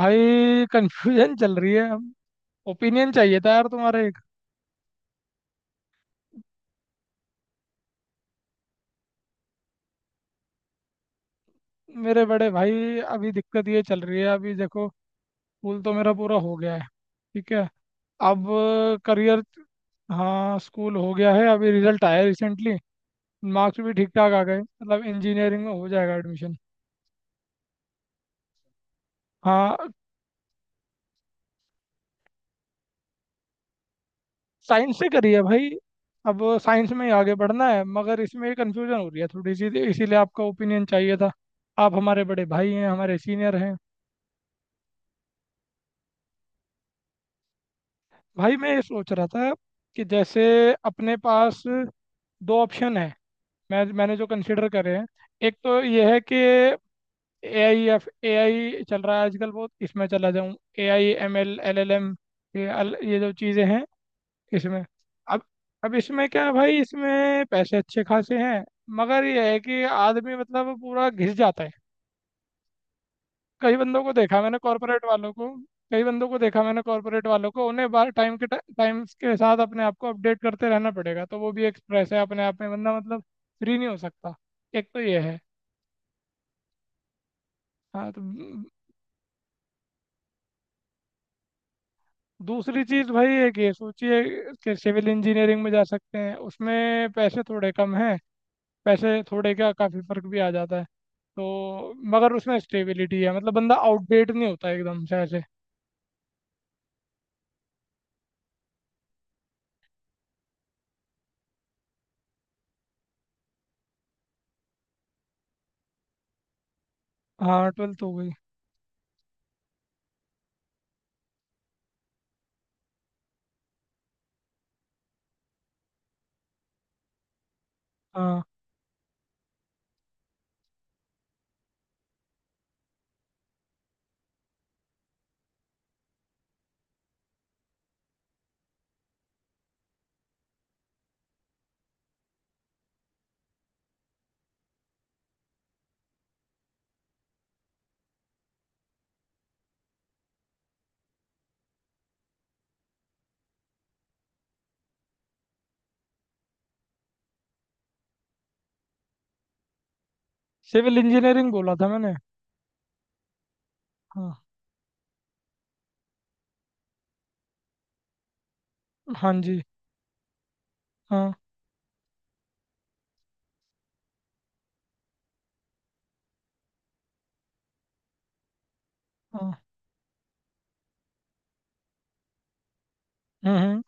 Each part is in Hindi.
भाई, कंफ्यूजन चल रही है। ओपिनियन चाहिए था यार तुम्हारे एक। मेरे बड़े भाई, अभी दिक्कत ये चल रही है। अभी देखो, स्कूल तो मेरा पूरा हो गया है। ठीक है। अब करियर। हाँ, स्कूल हो गया है, अभी रिजल्ट आया रिसेंटली। मार्क्स भी ठीक ठाक आ गए, मतलब इंजीनियरिंग में हो जाएगा एडमिशन। हाँ, साइंस से करी है भाई। अब साइंस में ही आगे बढ़ना है, मगर इसमें कंफ्यूजन हो रही है थोड़ी सी, इसीलिए आपका ओपिनियन चाहिए था। आप हमारे बड़े भाई हैं, हमारे सीनियर हैं। भाई, मैं ये सोच रहा था कि जैसे अपने पास दो ऑप्शन है। मैंने जो कंसिडर करे हैं, एक तो ये है कि A I, F A I चल रहा है आजकल बहुत, इसमें चला जाऊँ। A I M L, L L M, ये जो चीज़ें हैं इसमें। अब अब इसमें क्या है भाई, इसमें पैसे अच्छे खासे हैं, मगर ये है कि आदमी मतलब पूरा घिस जाता है। कई बंदों को देखा मैंने कॉर्पोरेट वालों को कई बंदों को देखा मैंने कॉर्पोरेट वालों को, उन्हें बार टाइम के साथ अपने आप को अपडेट करते रहना पड़ेगा, तो वो भी एक स्ट्रेस है अपने आप में। बंदा मतलब फ्री नहीं हो सकता। एक तो ये है। हाँ तो ब- दूसरी चीज़ भाई, एक ये सोचिए कि सिविल इंजीनियरिंग में जा सकते हैं, उसमें पैसे थोड़े कम हैं। पैसे थोड़े क्या, काफ़ी फर्क भी आ जाता है। तो मगर उसमें स्टेबिलिटी है, मतलब बंदा आउटडेट नहीं होता एकदम से ऐसे। हाँ, ट्वेल्थ हो गई। हाँ, सिविल इंजीनियरिंग बोला था मैंने। हाँ। हाँ जी। हाँ। हाँ। हम्म। हम्म।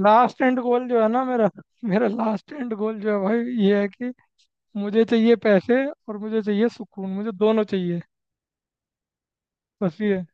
लास्ट एंड गोल जो है ना मेरा, मेरा लास्ट एंड गोल जो है भाई, ये है कि मुझे चाहिए पैसे और मुझे चाहिए सुकून, मुझे दोनों चाहिए। बस ये।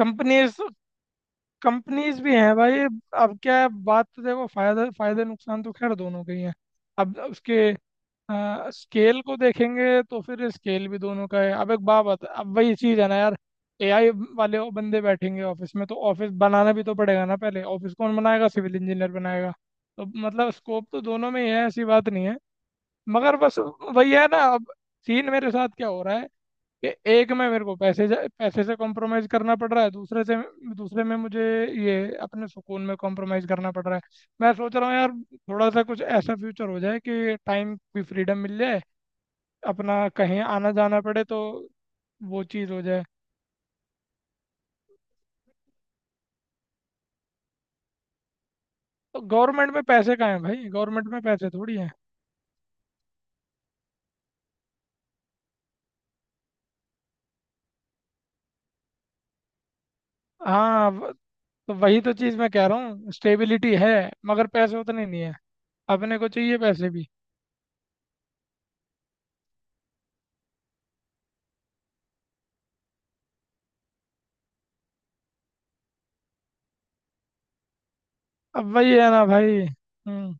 कंपनीज, कंपनीज भी हैं भाई। अब क्या है बात, तो देखो, फायदा, फायदे नुकसान तो खैर दोनों के ही हैं। अब उसके स्केल को देखेंगे तो फिर स्केल भी दोनों का है। अब एक बात बता, अब वही चीज़ है ना यार, एआई वाले वो बंदे बैठेंगे ऑफिस में, तो ऑफिस बनाना भी तो पड़ेगा ना। पहले ऑफिस कौन बनाएगा? सिविल इंजीनियर बनाएगा। तो मतलब स्कोप तो दोनों में ही है, ऐसी बात नहीं है। मगर बस वही है ना। अब सीन मेरे साथ क्या हो रहा है कि एक में मेरे को पैसे से कॉम्प्रोमाइज़ करना पड़ रहा है, दूसरे से दूसरे में मुझे ये अपने सुकून में कॉम्प्रोमाइज़ करना पड़ रहा है। मैं सोच रहा हूँ यार, थोड़ा सा कुछ ऐसा फ्यूचर हो जाए कि टाइम की फ्रीडम मिल जाए, अपना कहीं आना जाना पड़े तो वो चीज़ हो जाए। तो गवर्नमेंट में पैसे कहाँ हैं भाई? गवर्नमेंट में पैसे थोड़ी हैं। हाँ व- तो वही तो चीज़ मैं कह रहा हूँ, स्टेबिलिटी है मगर पैसे उतने नहीं है। अपने को चाहिए पैसे भी। अब वही है ना भाई। हम्म।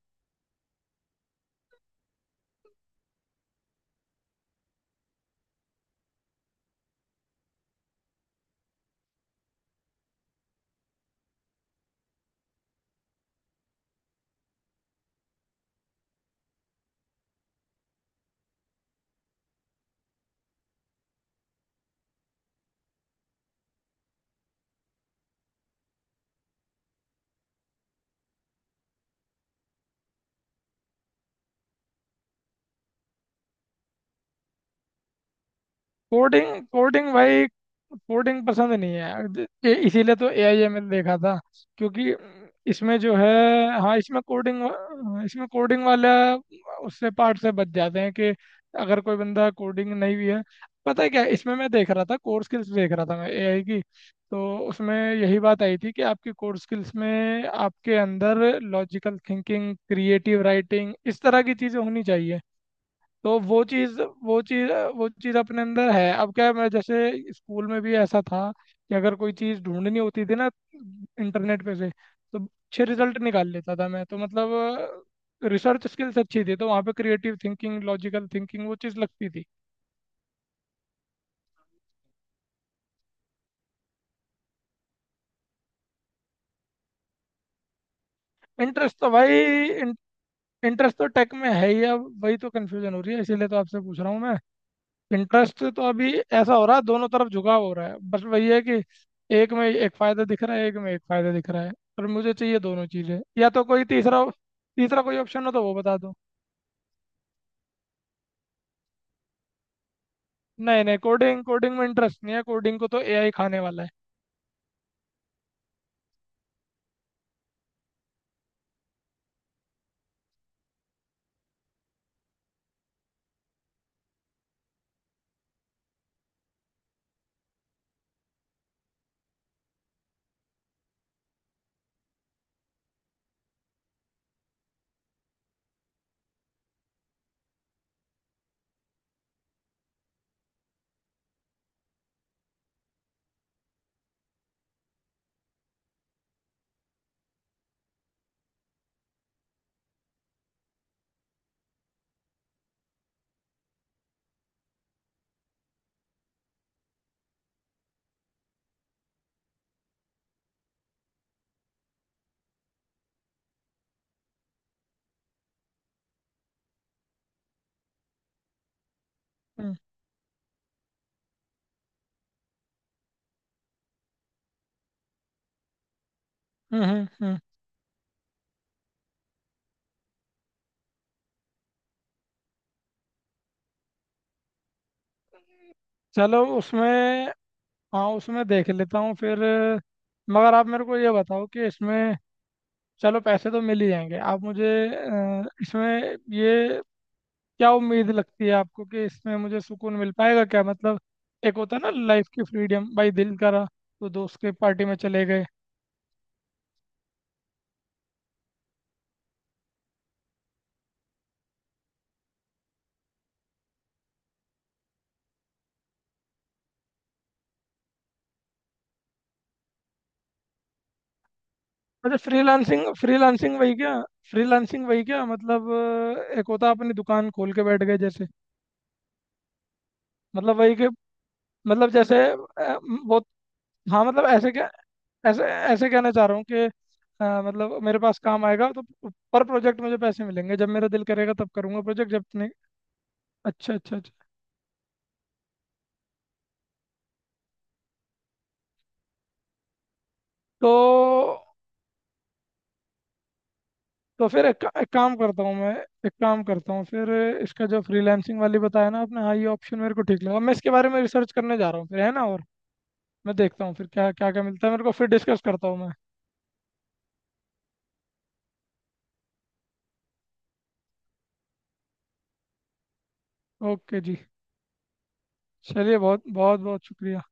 कोडिंग, कोडिंग भाई। कोडिंग पसंद नहीं है, इसीलिए तो ए आई एम एल देखा था। क्योंकि इसमें जो है, हाँ, इसमें कोडिंग वाला उससे पार्ट से बच जाते हैं कि अगर कोई बंदा कोडिंग नहीं भी है। पता है क्या, इसमें मैं देख रहा था, कोर स्किल्स देख रहा था मैं ए आई की, तो उसमें यही बात आई थी कि आपकी कोर स्किल्स में आपके अंदर लॉजिकल थिंकिंग, क्रिएटिव राइटिंग, इस तरह की चीज़ें होनी चाहिए। तो वो चीज अपने अंदर है। अब क्या है, मैं जैसे स्कूल में भी ऐसा था कि अगर कोई चीज ढूंढनी होती थी ना इंटरनेट पे से, तो अच्छे रिजल्ट निकाल लेता था मैं, तो मतलब रिसर्च स्किल्स अच्छी थी, तो वहाँ पे क्रिएटिव थिंकिंग, लॉजिकल थिंकिंग, वो चीज लगती थी। इंटरेस्ट तो भाई इंटरेस्ट तो टेक में है ही, अब वही तो कन्फ्यूजन हो रही है, इसीलिए तो आपसे पूछ रहा हूँ मैं। इंटरेस्ट तो अभी ऐसा हो रहा है, दोनों तरफ झुकाव हो रहा है, बस वही है कि एक में एक फायदा दिख रहा है, एक में एक फायदा दिख रहा है, पर मुझे चाहिए दोनों चीजें। या तो कोई तीसरा, तीसरा कोई ऑप्शन हो तो वो बता दो। नहीं नहीं, कोडिंग, कोडिंग में इंटरेस्ट नहीं है, कोडिंग को तो एआई खाने वाला है। हम्म। हम्म। हम्म। हम्म। चलो उसमें, हाँ, उसमें देख लेता हूँ फिर। मगर आप मेरे को ये बताओ कि इसमें, चलो पैसे तो मिल ही जाएंगे, आप मुझे इसमें ये क्या उम्मीद लगती है आपको कि इसमें मुझे सुकून मिल पाएगा क्या? मतलब एक होता है ना लाइफ की फ्रीडम भाई, दिल करा तो दोस्त के पार्टी में चले गए। अच्छा, फ्रीलांसिंग, फ्रीलांसिंग वही क्या मतलब, एक होता है अपनी दुकान खोल के बैठ गए जैसे। मतलब वही के, मतलब जैसे वो, हाँ, मतलब ऐसे क्या, ऐसे ऐसे कहना चाह रहा हूँ कि मतलब मेरे पास काम आएगा तो पर प्रोजेक्ट मुझे पैसे मिलेंगे, जब मेरा दिल करेगा तब करूँगा प्रोजेक्ट, जब नहीं। अच्छा, अच्छा, अच्छा। तो तो फिर एक काम करता हूँ फिर। इसका जो फ्रीलांसिंग वाली बताया ना आपने, हाँ, ये ऑप्शन मेरे को ठीक लगा, मैं इसके बारे में रिसर्च करने जा रहा हूँ फिर, है ना? और मैं देखता हूँ फिर क्या क्या क्या मिलता है मेरे को, फिर डिस्कस करता हूँ मैं। ओके जी। चलिए, बहुत बहुत बहुत शुक्रिया।